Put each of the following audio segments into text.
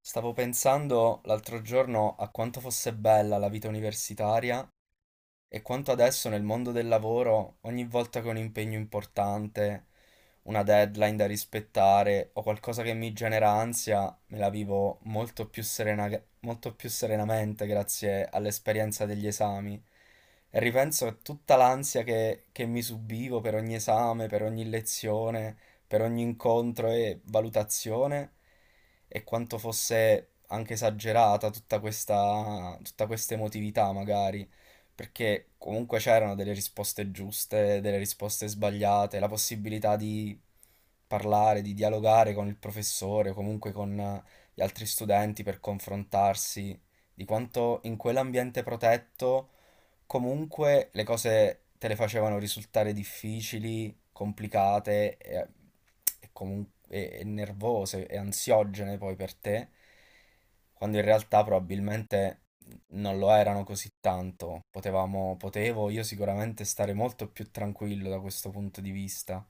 Stavo pensando l'altro giorno a quanto fosse bella la vita universitaria e quanto adesso nel mondo del lavoro, ogni volta che ho un impegno importante, una deadline da rispettare o qualcosa che mi genera ansia, me la vivo molto più molto più serenamente grazie all'esperienza degli esami. E ripenso a tutta l'ansia che mi subivo per ogni esame, per ogni lezione, per ogni incontro e valutazione, e quanto fosse anche esagerata tutta questa emotività, magari perché comunque c'erano delle risposte giuste, delle risposte sbagliate, la possibilità di parlare, di dialogare con il professore o comunque con gli altri studenti per confrontarsi, di quanto in quell'ambiente protetto comunque le cose te le facevano risultare difficili, complicate e nervose e ansiogene poi per te, quando in realtà probabilmente non lo erano così tanto. Potevo io sicuramente stare molto più tranquillo da questo punto di vista.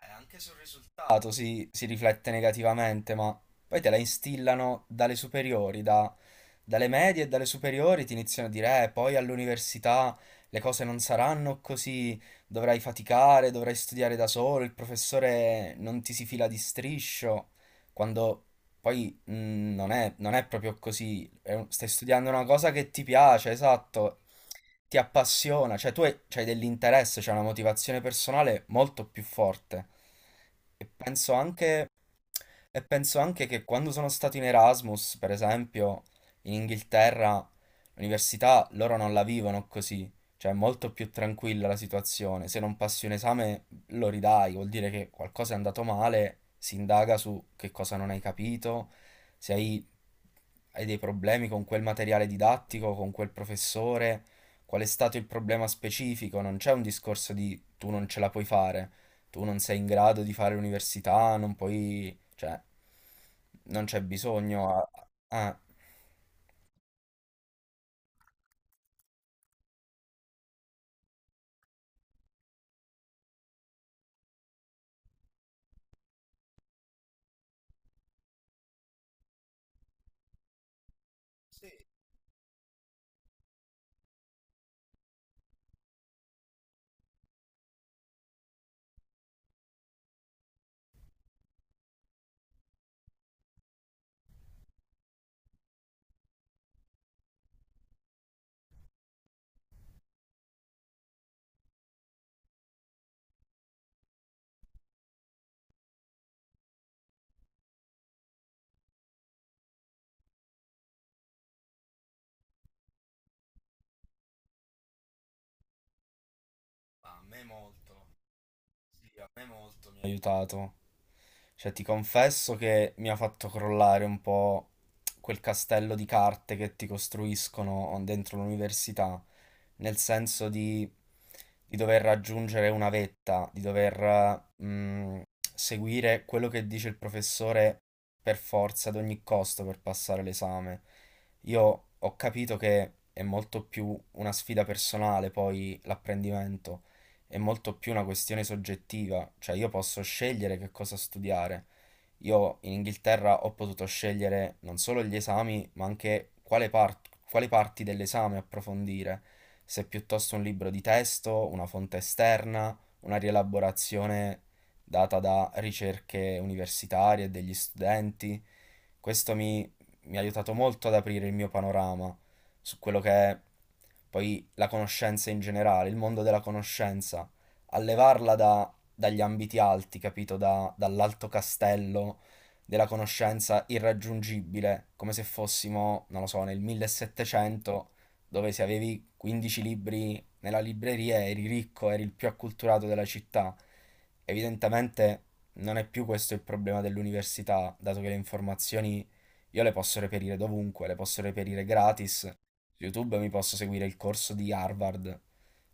Anche sul risultato si riflette negativamente, ma poi te la instillano dalle superiori, dalle medie e dalle superiori ti iniziano a dire, poi all'università le cose non saranno così, dovrai faticare, dovrai studiare da solo, il professore non ti si fila di striscio, quando poi non è proprio così, stai studiando una cosa che ti piace, esatto, ti appassiona, cioè c'hai dell'interesse, c'è una motivazione personale molto più forte. E penso anche, e penso anche che quando sono stato in Erasmus, per esempio, in Inghilterra, l'università loro non la vivono così, cioè è molto più tranquilla la situazione. Se non passi un esame lo ridai, vuol dire che qualcosa è andato male, si indaga su che cosa non hai capito, se hai dei problemi con quel materiale didattico, con quel professore. Qual è stato il problema specifico? Non c'è un discorso di tu non ce la puoi fare, tu non sei in grado di fare l'università, non puoi, cioè, non c'è bisogno a- a me molto, sì, a me molto mi ha aiutato. Cioè, ti confesso che mi ha fatto crollare un po' quel castello di carte che ti costruiscono dentro l'università, nel senso di dover raggiungere una vetta, di dover seguire quello che dice il professore per forza, ad ogni costo, per passare l'esame. Io ho capito che è molto più una sfida personale, poi l'apprendimento è molto più una questione soggettiva, cioè io posso scegliere che cosa studiare. Io in Inghilterra ho potuto scegliere non solo gli esami, ma anche quali parti dell'esame approfondire, se piuttosto un libro di testo, una fonte esterna, una rielaborazione data da ricerche universitarie e degli studenti. Questo mi, mi ha aiutato molto ad aprire il mio panorama su quello che è poi la conoscenza in generale, il mondo della conoscenza, a levarla dagli ambiti alti, capito? Dall'alto castello della conoscenza irraggiungibile, come se fossimo, non lo so, nel 1700, dove se avevi 15 libri nella libreria eri ricco, eri il più acculturato della città. Evidentemente non è più questo il problema dell'università, dato che le informazioni io le posso reperire dovunque, le posso reperire gratis. Su YouTube mi posso seguire il corso di Harvard,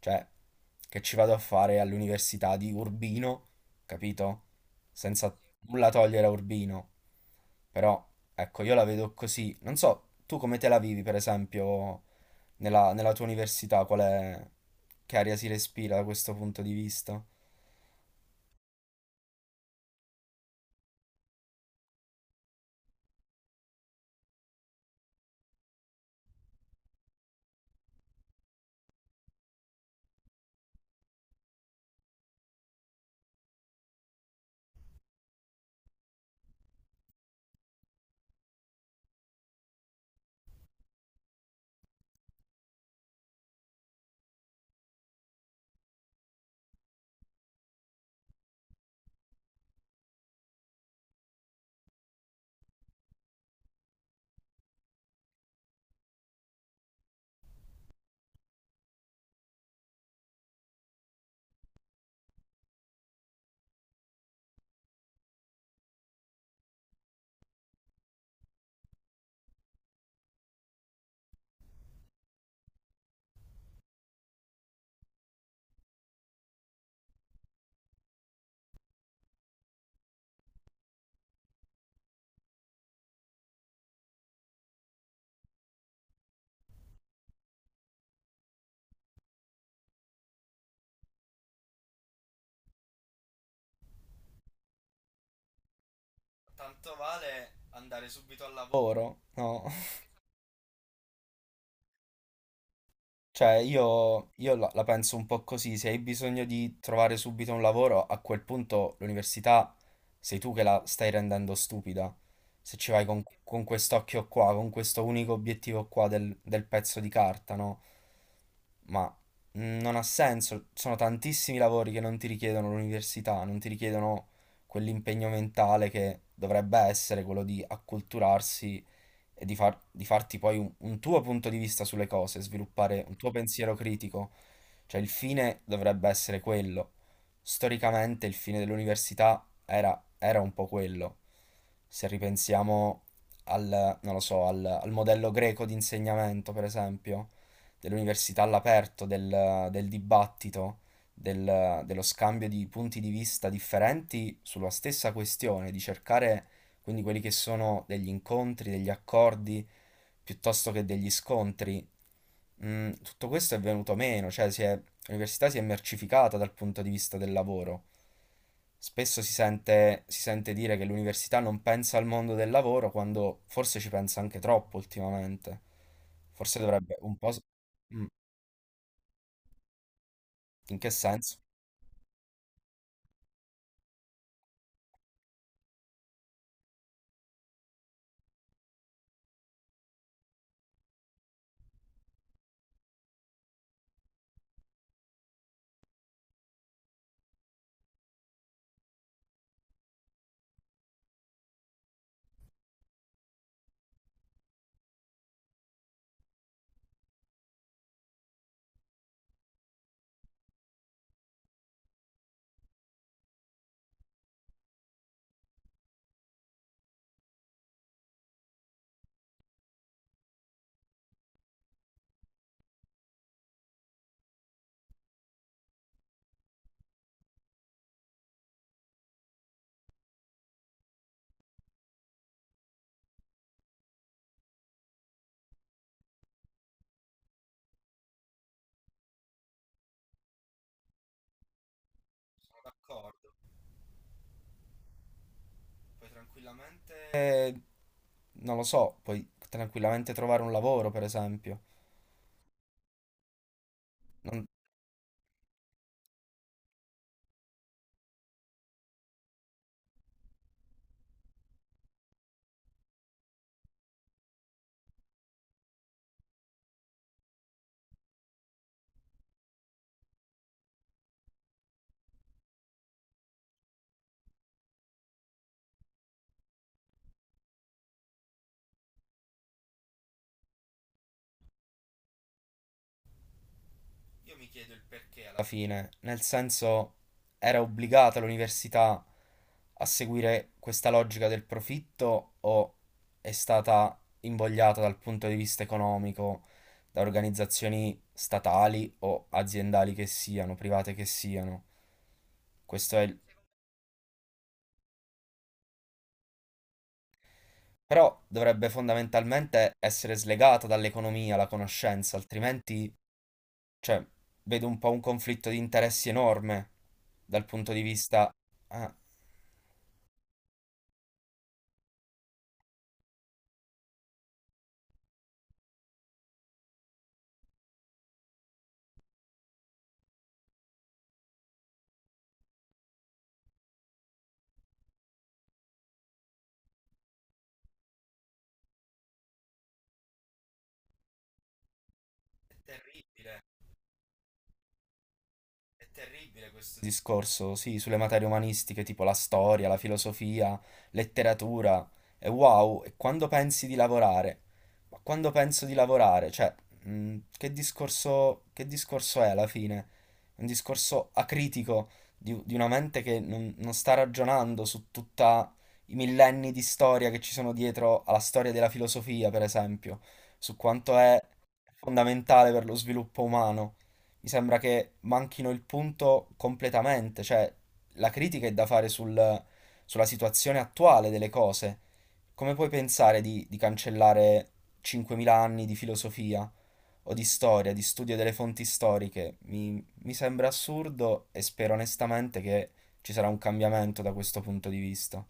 cioè che ci vado a fare all'università di Urbino, capito? Senza nulla togliere a Urbino, però ecco, io la vedo così. Non so, tu come te la vivi, per esempio, nella tua università, qual è, che aria si respira da questo punto di vista? Tanto vale andare subito al lavoro, no? Cioè, la penso un po' così, se hai bisogno di trovare subito un lavoro, a quel punto l'università sei tu che la stai rendendo stupida. Se ci vai con quest'occhio qua, con questo unico obiettivo qua del pezzo di carta, no? Ma non ha senso, sono tantissimi lavori che non ti richiedono l'università, non ti richiedono quell'impegno mentale che dovrebbe essere quello di acculturarsi e di, di farti poi un tuo punto di vista sulle cose, sviluppare un tuo pensiero critico. Cioè il fine dovrebbe essere quello. Storicamente il fine dell'università era un po' quello. Se ripensiamo non lo so, al modello greco di insegnamento, per esempio, dell'università all'aperto, del dibattito, dello scambio di punti di vista differenti sulla stessa questione, di cercare quindi quelli che sono degli incontri, degli accordi, piuttosto che degli scontri, tutto questo è venuto meno, l'università si è mercificata dal punto di vista del lavoro. Spesso si sente dire che l'università non pensa al mondo del lavoro quando forse ci pensa anche troppo ultimamente. Forse dovrebbe un po' Mm, in che senso? D'accordo, puoi tranquillamente. Non lo so, puoi tranquillamente trovare un lavoro, per esempio. Non, Io mi chiedo il perché alla fine, nel senso era obbligata l'università a seguire questa logica del profitto o è stata invogliata dal punto di vista economico da organizzazioni statali o aziendali che siano, private che siano? Questo è il... Però dovrebbe fondamentalmente essere slegata dall'economia la conoscenza, altrimenti, cioè, vedo un po' un conflitto di interessi enorme dal punto di vista... Ah. È terribile, è terribile questo discorso, sì, sulle materie umanistiche tipo la storia, la filosofia, letteratura. E wow, e quando pensi di lavorare? Ma quando penso di lavorare? Cioè, che discorso è alla fine? Un discorso acritico di una mente che non sta ragionando su tutta i millenni di storia che ci sono dietro alla storia della filosofia, per esempio, su quanto è fondamentale per lo sviluppo umano, mi sembra che manchino il punto completamente, cioè la critica è da fare sulla situazione attuale delle cose. Come puoi pensare di cancellare 5.000 anni di filosofia o di storia, di studio delle fonti storiche? Mi sembra assurdo e spero onestamente che ci sarà un cambiamento da questo punto di vista.